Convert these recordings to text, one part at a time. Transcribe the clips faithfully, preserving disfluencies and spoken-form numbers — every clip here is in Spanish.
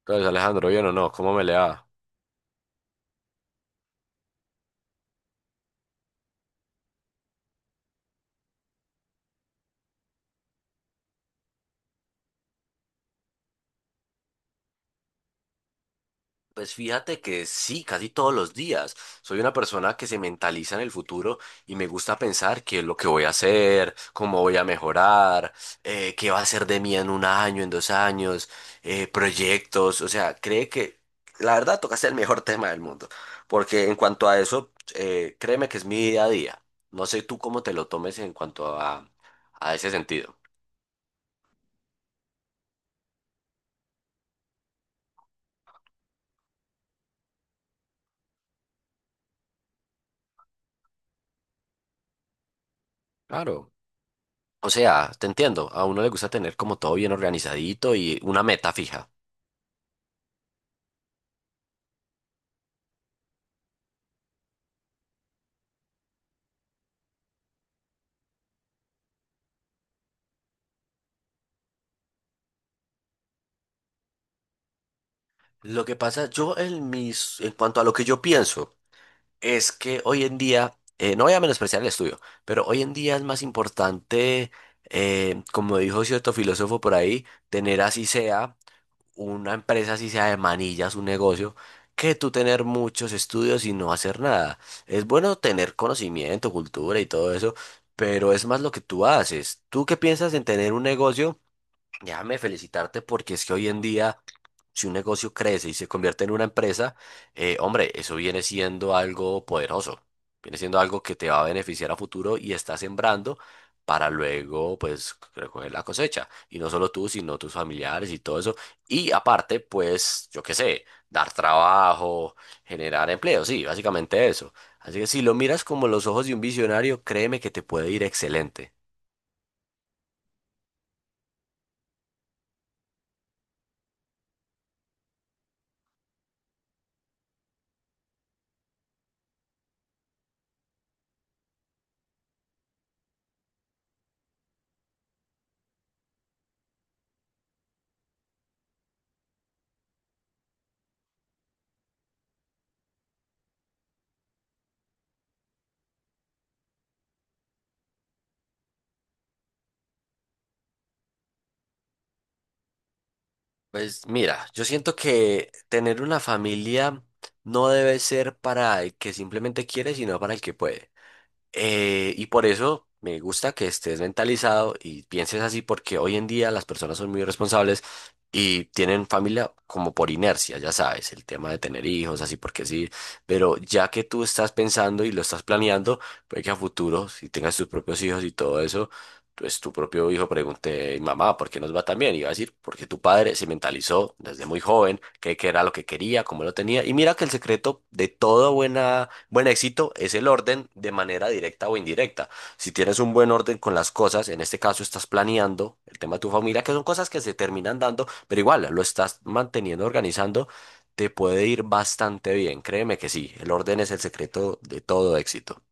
Entonces, Alejandro, ¿bien o no? ¿Cómo me le va? Pues fíjate que sí, casi todos los días. Soy una persona que se mentaliza en el futuro y me gusta pensar qué es lo que voy a hacer, cómo voy a mejorar, eh, qué va a ser de mí en un año, en dos años, eh, proyectos. O sea, cree que la verdad tocaste el mejor tema del mundo. Porque en cuanto a eso, eh, créeme que es mi día a día. No sé tú cómo te lo tomes en cuanto a, a ese sentido. Claro. O sea, te entiendo, a uno le gusta tener como todo bien organizadito y una meta fija. Lo que pasa, yo en mis, en cuanto a lo que yo pienso, es que hoy en día, eh, no voy a menospreciar el estudio, pero hoy en día es más importante, eh, como dijo cierto filósofo por ahí, tener así sea una empresa, así sea de manillas, un negocio, que tú tener muchos estudios y no hacer nada. Es bueno tener conocimiento, cultura y todo eso, pero es más lo que tú haces. ¿Tú qué piensas en tener un negocio? Déjame felicitarte porque es que hoy en día, si un negocio crece y se convierte en una empresa, eh, hombre, eso viene siendo algo poderoso, viene siendo algo que te va a beneficiar a futuro y está sembrando para luego, pues, recoger la cosecha. Y no solo tú, sino tus familiares y todo eso. Y aparte, pues, yo qué sé, dar trabajo, generar empleo, sí, básicamente eso. Así que si lo miras como los ojos de un visionario, créeme que te puede ir excelente. Pues mira, yo siento que tener una familia no debe ser para el que simplemente quiere, sino para el que puede. Eh, y por eso me gusta que estés mentalizado y pienses así, porque hoy en día las personas son muy responsables y tienen familia como por inercia, ya sabes, el tema de tener hijos, así porque sí. Pero ya que tú estás pensando y lo estás planeando, puede que a futuro, si tengas tus propios hijos y todo eso entonces tu propio hijo pregunte, mamá, ¿por qué nos va tan bien? Y va a decir, porque tu padre se mentalizó desde muy joven qué qué era lo que quería, cómo lo tenía. Y mira que el secreto de todo buena, buen éxito es el orden de manera directa o indirecta. Si tienes un buen orden con las cosas, en este caso estás planeando el tema de tu familia, que son cosas que se terminan dando, pero igual lo estás manteniendo, organizando, te puede ir bastante bien. Créeme que sí, el orden es el secreto de todo éxito.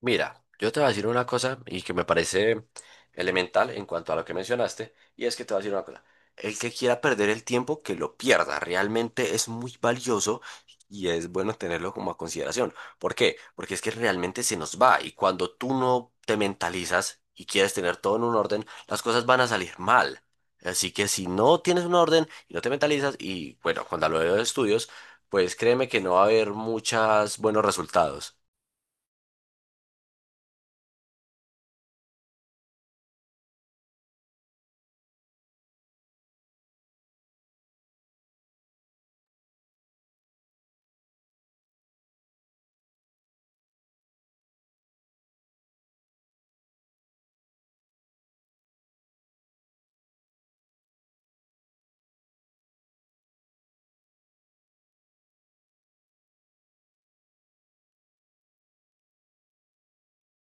Mira, yo te voy a decir una cosa y que me parece elemental en cuanto a lo que mencionaste, y es que te voy a decir una cosa. El que quiera perder el tiempo, que lo pierda. Realmente es muy valioso y es bueno tenerlo como a consideración. ¿Por qué? Porque es que realmente se nos va y cuando tú no te mentalizas y quieres tener todo en un orden, las cosas van a salir mal. Así que si no tienes un orden y no te mentalizas, y bueno, cuando hablo de estudios, pues créeme que no va a haber muchos buenos resultados.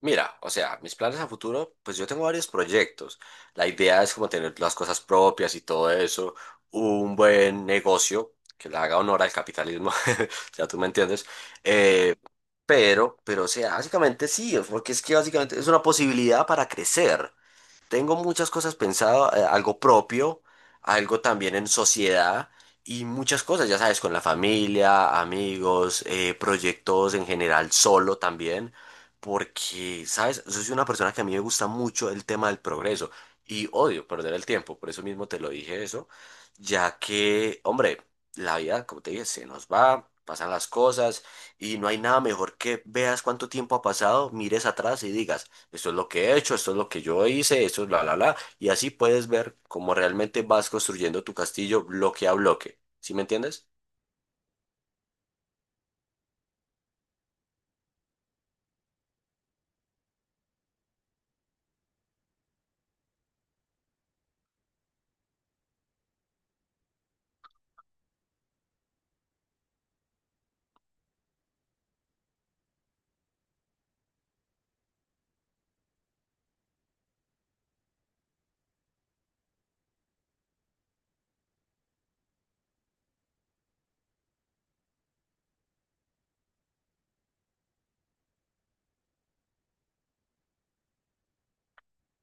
Mira, o sea, mis planes a futuro, pues yo tengo varios proyectos. La idea es como tener las cosas propias y todo eso, un buen negocio que le haga honor al capitalismo, o sea, tú me entiendes. Eh, pero, pero, o sea, básicamente sí, porque es que básicamente es una posibilidad para crecer. Tengo muchas cosas pensado, eh, algo propio, algo también en sociedad y muchas cosas, ya sabes, con la familia, amigos, eh, proyectos en general, solo también, porque, sabes, yo soy una persona que a mí me gusta mucho el tema del progreso y odio perder el tiempo, por eso mismo te lo dije eso, ya que, hombre, la vida, como te dije, se nos va. Pasan las cosas y no hay nada mejor que veas cuánto tiempo ha pasado, mires atrás y digas, esto es lo que he hecho, esto es lo que yo hice, esto es la la la y así puedes ver cómo realmente vas construyendo tu castillo bloque a bloque. ¿Sí me entiendes?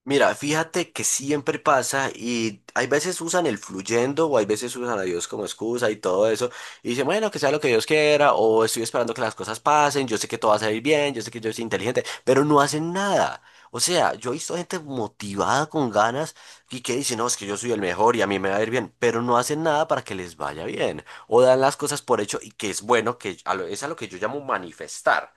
Mira, fíjate que siempre pasa y hay veces usan el fluyendo o hay veces usan a Dios como excusa y todo eso y dicen, bueno, que sea lo que Dios quiera o estoy esperando que las cosas pasen, yo sé que todo va a salir bien, yo sé que yo soy inteligente, pero no hacen nada. O sea, yo he visto gente motivada con ganas y que dice, no, es que yo soy el mejor y a mí me va a ir bien, pero no hacen nada para que les vaya bien o dan las cosas por hecho y que es bueno, que a lo- es a lo que yo llamo manifestar.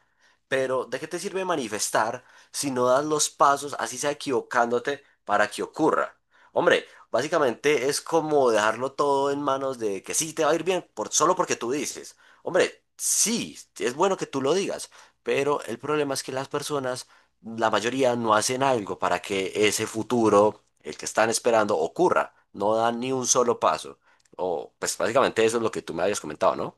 Pero, ¿de qué te sirve manifestar si no das los pasos, así sea equivocándote, para que ocurra? Hombre, básicamente es como dejarlo todo en manos de que sí te va a ir bien, por, solo porque tú dices. Hombre, sí, es bueno que tú lo digas, pero el problema es que las personas, la mayoría, no hacen algo para que ese futuro, el que están esperando, ocurra. No dan ni un solo paso. O, pues básicamente eso es lo que tú me habías comentado, ¿no?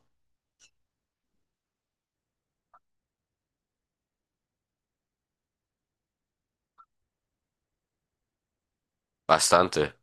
Bastante.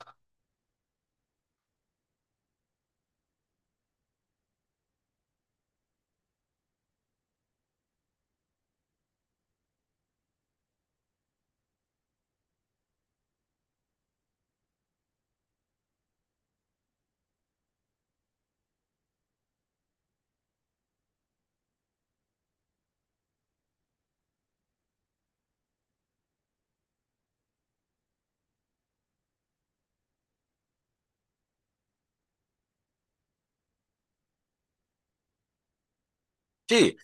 Sí,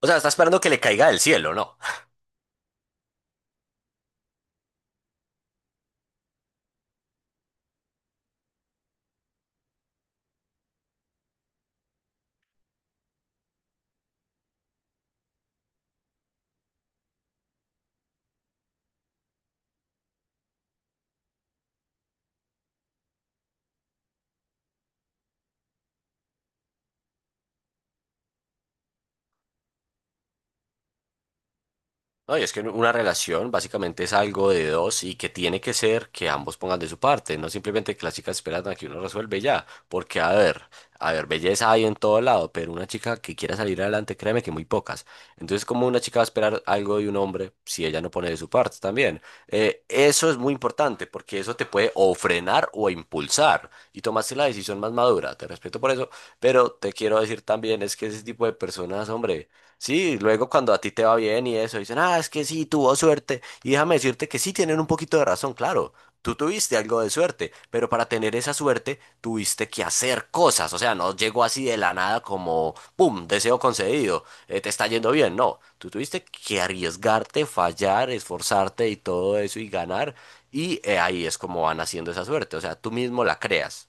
o sea, está esperando que le caiga del cielo, ¿no? No, y es que una relación básicamente es algo de dos y que tiene que ser que ambos pongan de su parte, no simplemente que las chicas esperan a que uno resuelve y ya, porque a ver, a ver, belleza hay en todo lado, pero una chica que quiera salir adelante, créeme que muy pocas. Entonces, ¿cómo una chica va a esperar algo de un hombre si ella no pone de su parte también? Eh, eso es muy importante porque eso te puede o frenar o impulsar y tomaste la decisión más madura, te respeto por eso, pero te quiero decir también es que ese tipo de personas, hombre. Sí, luego cuando a ti te va bien y eso, dicen, ah, es que sí, tuvo suerte. Y déjame decirte que sí tienen un poquito de razón, claro. Tú tuviste algo de suerte, pero para tener esa suerte tuviste que hacer cosas. O sea, no llegó así de la nada como, ¡pum!, deseo concedido, eh, te está yendo bien. No, tú tuviste que arriesgarte, fallar, esforzarte y todo eso y ganar. Y eh, ahí es como van haciendo esa suerte. O sea, tú mismo la creas.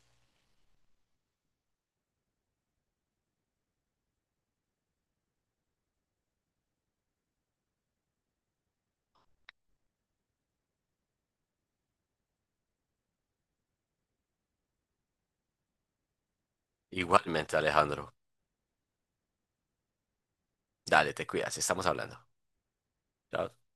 Igualmente, Alejandro. Dale, te cuidas, estamos hablando. Chao.